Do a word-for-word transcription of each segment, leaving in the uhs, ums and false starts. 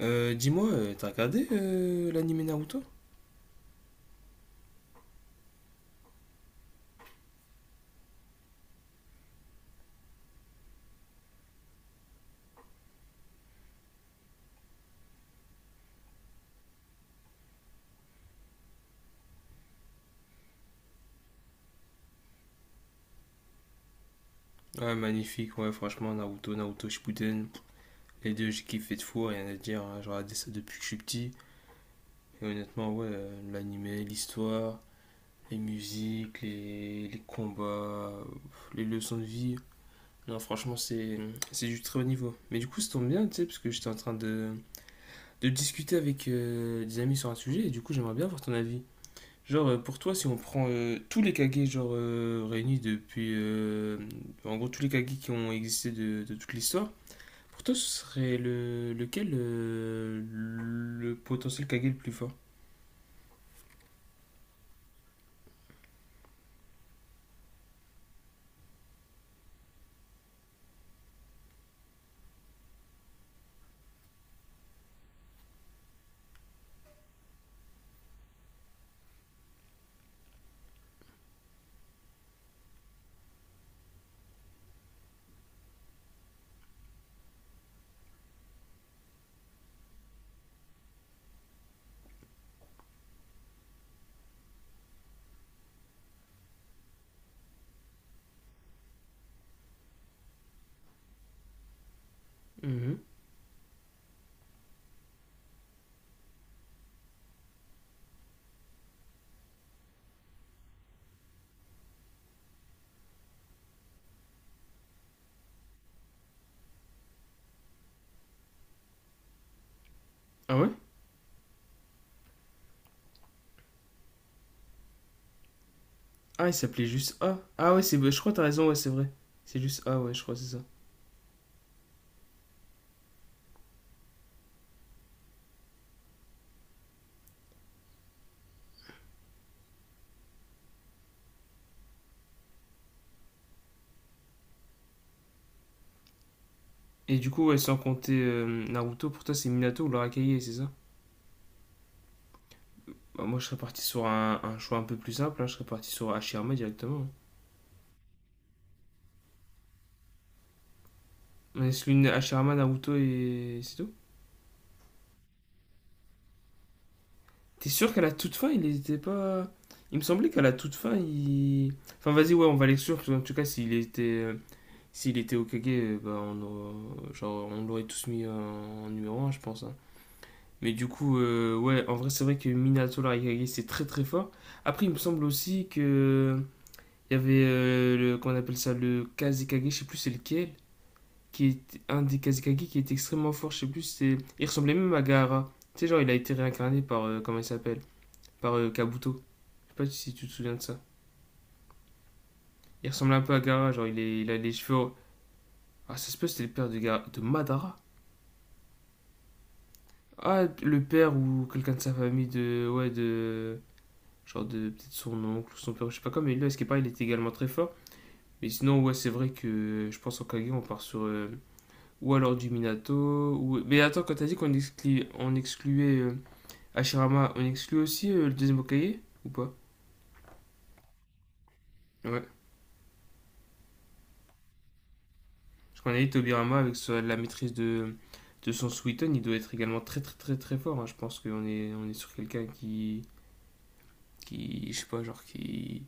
Euh, dis-moi, euh, t'as regardé euh, l'anime Naruto? Ouais, magnifique, ouais, franchement, Naruto, Naruto Shippuden, les deux, j'ai kiffé de fou, rien à dire, hein, j'ai regardé ça depuis que je suis petit, et honnêtement, ouais, euh, l'anime, l'animé, l'histoire, les musiques, les, les combats, euh, les leçons de vie, non, franchement, c'est c'est du très haut niveau. Mais du coup, ça tombe bien, tu sais, parce que j'étais en train de, de discuter avec euh, des amis sur un sujet, et du coup, j'aimerais bien avoir ton avis. Genre, euh, pour toi, si on prend euh, tous les kage genre, euh, réunis depuis. Euh, en gros, tous les kage qui ont existé de, de toute l'histoire, pour toi, ce serait le, lequel euh, le potentiel kage le plus fort. Mhm. Ah ouais. Ah, il s'appelait juste A. Ah ouais, c'est, je crois que t'as raison, ouais, c'est vrai. C'est juste A, ouais, je crois, c'est ça. Et du coup, ouais, sans compter euh, Naruto, pour toi, c'est Minato ou l'Arakaye, c'est ça? Bah, moi, je serais parti sur un, un choix un peu plus simple, hein, je serais parti sur Hashirama directement, hein. On laisse l'une Hashirama, Naruto et c'est tout. T'es sûr qu'à la toute fin, il n'était pas. Il me semblait qu'à la toute fin, il. Enfin, vas-y, ouais, on va l'exclure, sûr. En tout cas, s'il était, euh, s'il était au Kage, euh, bah, on, aurait- genre, on l'aurait tous mis en numéro un, je pense, hein. Mais du coup, euh, ouais, en vrai, c'est vrai que Minato Larikage, c'est très très fort. Après, il me semble aussi que. Il y avait, euh, le, qu'on appelle ça, le Kazekage, je sais plus c'est lequel, qui est un des Kazekage qui est extrêmement fort, je sais plus, c'est. Il ressemblait même à Gaara. Tu sais, genre, il a été réincarné par. euh, comment il s'appelle. Par euh, Kabuto. Je sais pas si tu te souviens de ça. Il ressemble un peu à Gara, genre il, est, il a les cheveux. Ah, ça se peut, c'était le père de, Gara- de Madara. Ah, le père ou quelqu'un de sa famille de. Ouais, de. Genre de. Peut-être son oncle ou son père, je sais pas quoi, mais là, ce qu'il est il était également très fort. Mais sinon, ouais, c'est vrai que je pense en Kage, on part sur. euh, ou alors du Minato. Ou... Mais attends, quand t'as dit qu'on exclu... on excluait euh, Hashirama, on exclut aussi euh, le deuxième Hokage? Ou pas? Ouais. Je connais Tobirama avec sa- la maîtrise de, de son Sweeton, il doit être également très très très très fort, hein. Je pense qu'on est, on est sur quelqu'un qui, qui, je sais pas, genre qui...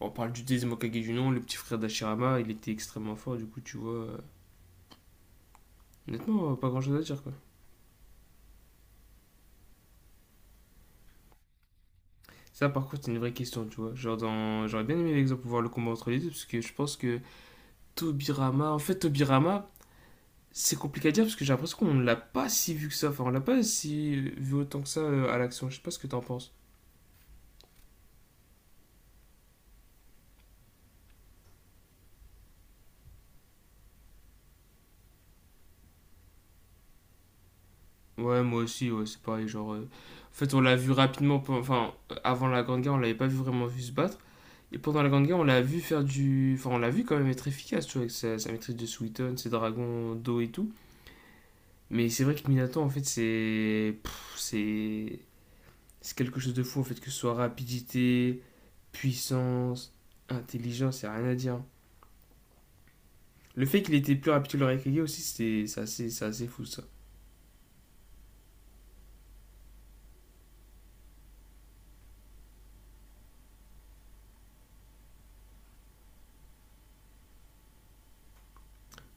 On parle du deuxième Hokage du nom, le petit frère d'Ashirama, il était extrêmement fort, du coup tu vois... euh, honnêtement, euh, pas grand chose à dire quoi. Ça par contre c'est une vraie question, tu vois. Genre dans... J'aurais bien aimé l'exemple pour voir le combat entre les deux, parce que je pense que Tobirama... En fait Tobirama, c'est compliqué à dire, parce que j'ai l'impression qu'on l'a pas si vu que ça, enfin on l'a pas si vu autant que ça euh, à l'action. Je sais pas ce que t'en penses. Ouais, moi aussi, ouais, c'est pareil. Genre, euh, en fait, on l'a vu rapidement. Pe- Enfin, euh, avant la Grande Guerre, on l'avait pas vu vraiment vu se battre. Et pendant la Grande Guerre, on l'a vu faire du. Enfin, on l'a vu quand même être efficace, tu vois, avec sa, sa maîtrise de Suiton, ses dragons d'eau et tout. Mais c'est vrai que Minato, en fait, c'est. Pff, c'est. C'est quelque chose de fou, en fait, que ce soit rapidité, puissance, intelligence, y a rien à dire. Le fait qu'il était plus rapide que le Raikage aussi, c'est c'est assez, c'est assez fou, ça.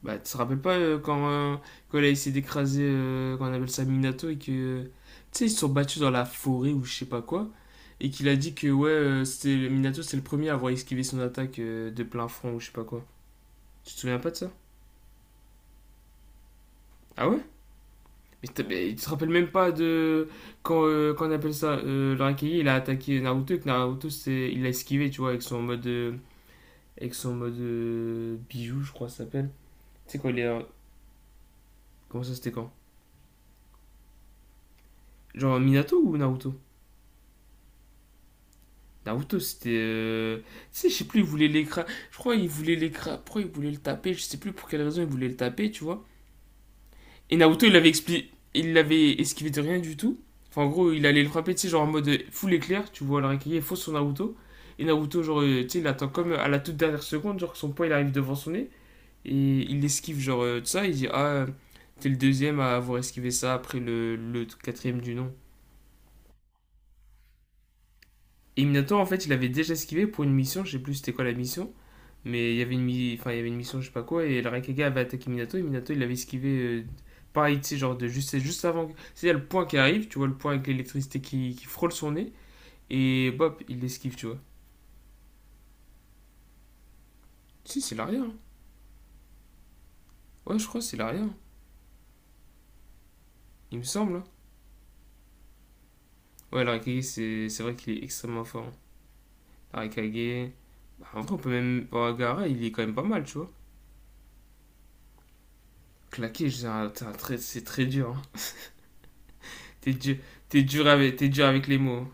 Bah, tu te rappelles pas euh, quand, euh, quand il a essayé d'écraser, euh, qu'on appelle ça Minato, et que. Euh, tu sais, ils se sont battus dans la forêt ou je sais pas quoi, et qu'il a dit que, ouais, euh, c'était, Minato, c'est le premier à avoir esquivé son attaque euh, de plein front ou je sais pas quoi. Tu te souviens pas de ça? Ah ouais? Mais, t'as- mais tu te rappelles même pas de. Quand, euh, qu'on appelle ça, euh, le Raikage, il a attaqué Naruto, et que Naruto, c'est, il l'a esquivé, tu vois, avec son mode. Euh, avec son mode. euh, bijou, je crois, que ça s'appelle. Tu sais, quand il est. euh, comment ça, c'était quand? Genre Minato ou Naruto? Naruto, c'était. Euh, Tu sais, je sais plus, il voulait l'écra... Je crois il voulait l'écra... Pourquoi il voulait le taper? Je sais plus pour quelle raison il voulait le taper, tu vois. Et Naruto, il l'avait expliqué... il l'avait esquivé de rien du tout. Enfin, en gros, il allait le frapper, tu sais, genre en mode euh, full éclair, tu vois, le Raikage est faux sur Naruto. Et Naruto, genre, euh, tu sais, il attend comme à la toute dernière seconde, genre que son poing il arrive devant son nez. Et il l'esquive, genre, euh, de ça. Il dit, ah, euh, t'es le deuxième à avoir esquivé ça après le, le quatrième du nom. Et Minato, en fait, il avait déjà esquivé pour une mission, je sais plus c'était quoi la mission. Mais il y avait une, mi- enfin, il y avait une mission, je sais pas quoi, et le Raikage avait attaqué Minato, et Minato, il avait esquivé. euh, pareil, tu sais, genre, de juste, c'est juste avant. C'est y a le point qui arrive, tu vois, le point avec l'électricité qui, qui frôle son nez, et bop, il l'esquive, tu vois. Si, c'est l'arrière, hein. Ouais, je crois, que c'est l'arrière. Il me semble, hein. Ouais, le Raikage, c'est c'est vrai qu'il est extrêmement fort, hein. Le Raikage. Bah, en vrai, on peut même. Bah, Gaara, il est quand même pas mal, tu vois. Claquer, c'est un- c'est un très- c'est très dur, hein. T'es dur, t'es dur, avec, t'es dur avec les mots, hein.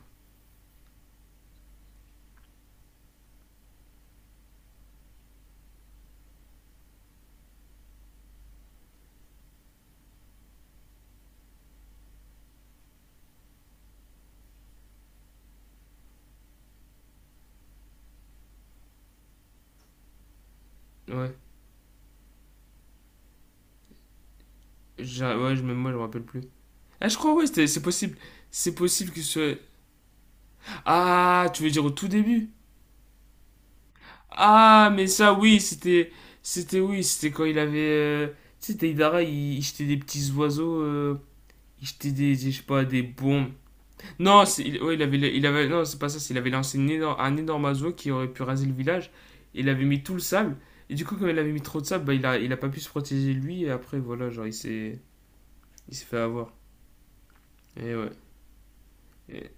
Ouais. J'ai- ouais, je, même moi, je me rappelle plus. Ah, je crois, ouais, c'était- c'est possible. C'est possible que ce. Ah, tu veux dire au tout début? Ah, mais ça, oui, c'était. C'était, oui, c'était quand il avait. Euh, Tu sais, Deidara, il, il jetait des petits oiseaux. euh, Il jetait des, des- je sais pas, des bombes. Non, c'est, il, ouais, il avait, il avait. Non, c'est pas ça, c'est il avait lancé une énorme- un énorme oiseau qui aurait pu raser le village. Il avait mis tout le sable. Et du coup, comme il avait mis trop de sable, bah, il a, il a pas pu se protéger lui. Et après, voilà, genre, il s'est. Il s'est fait avoir. Et ouais. Et-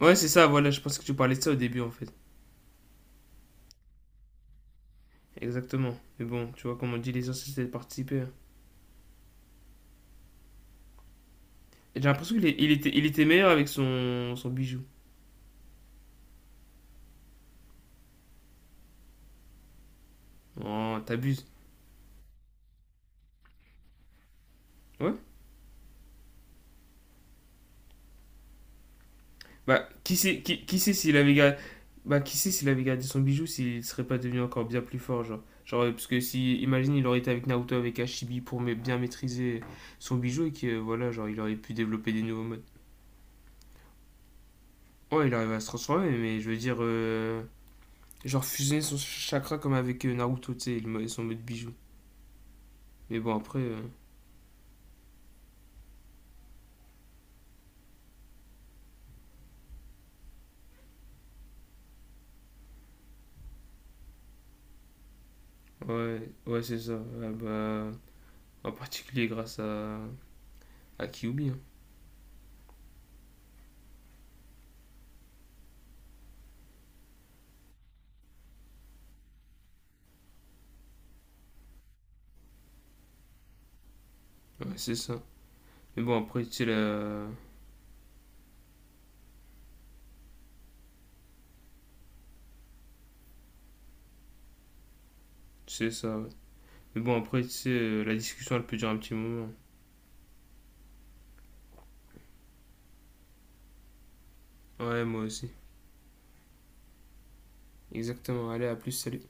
ouais, c'est ça, voilà, je pense que tu parlais de ça au début, en fait. Exactement. Mais bon, tu vois, comme on dit, l'essentiel c'est de participer, hein. Et j'ai l'impression qu'il est- il était, il était meilleur avec son, son bijou. Oh, t'abuses. Ouais. Bah, qui sait, qui, qui sait s'il avait gardé, bah, qui sait s'il avait gardé son bijou, s'il serait pas devenu encore bien plus fort, genre. Genre, euh, parce que si, imagine, il aurait été avec Naruto, avec Hashibi pour ma- bien maîtriser son bijou et que, euh, voilà, genre, il aurait pu développer des nouveaux modes. Ouais, il arrive à se transformer, mais je veux dire, euh, genre, fusionner son chakra comme avec euh, Naruto, tu sais, et le mo- et son mode bijou. Mais bon, après. Euh, Ouais, ouais, c'est ça. Ah bah, en particulier grâce à, à Kyuubi, hein. Ouais, c'est ça. Mais bon, après, tu sais, la... c'est ça, ouais. Mais bon, après, tu sais, euh, la discussion, elle peut durer un petit moment. Ouais, moi aussi. Exactement. Allez, à plus, salut.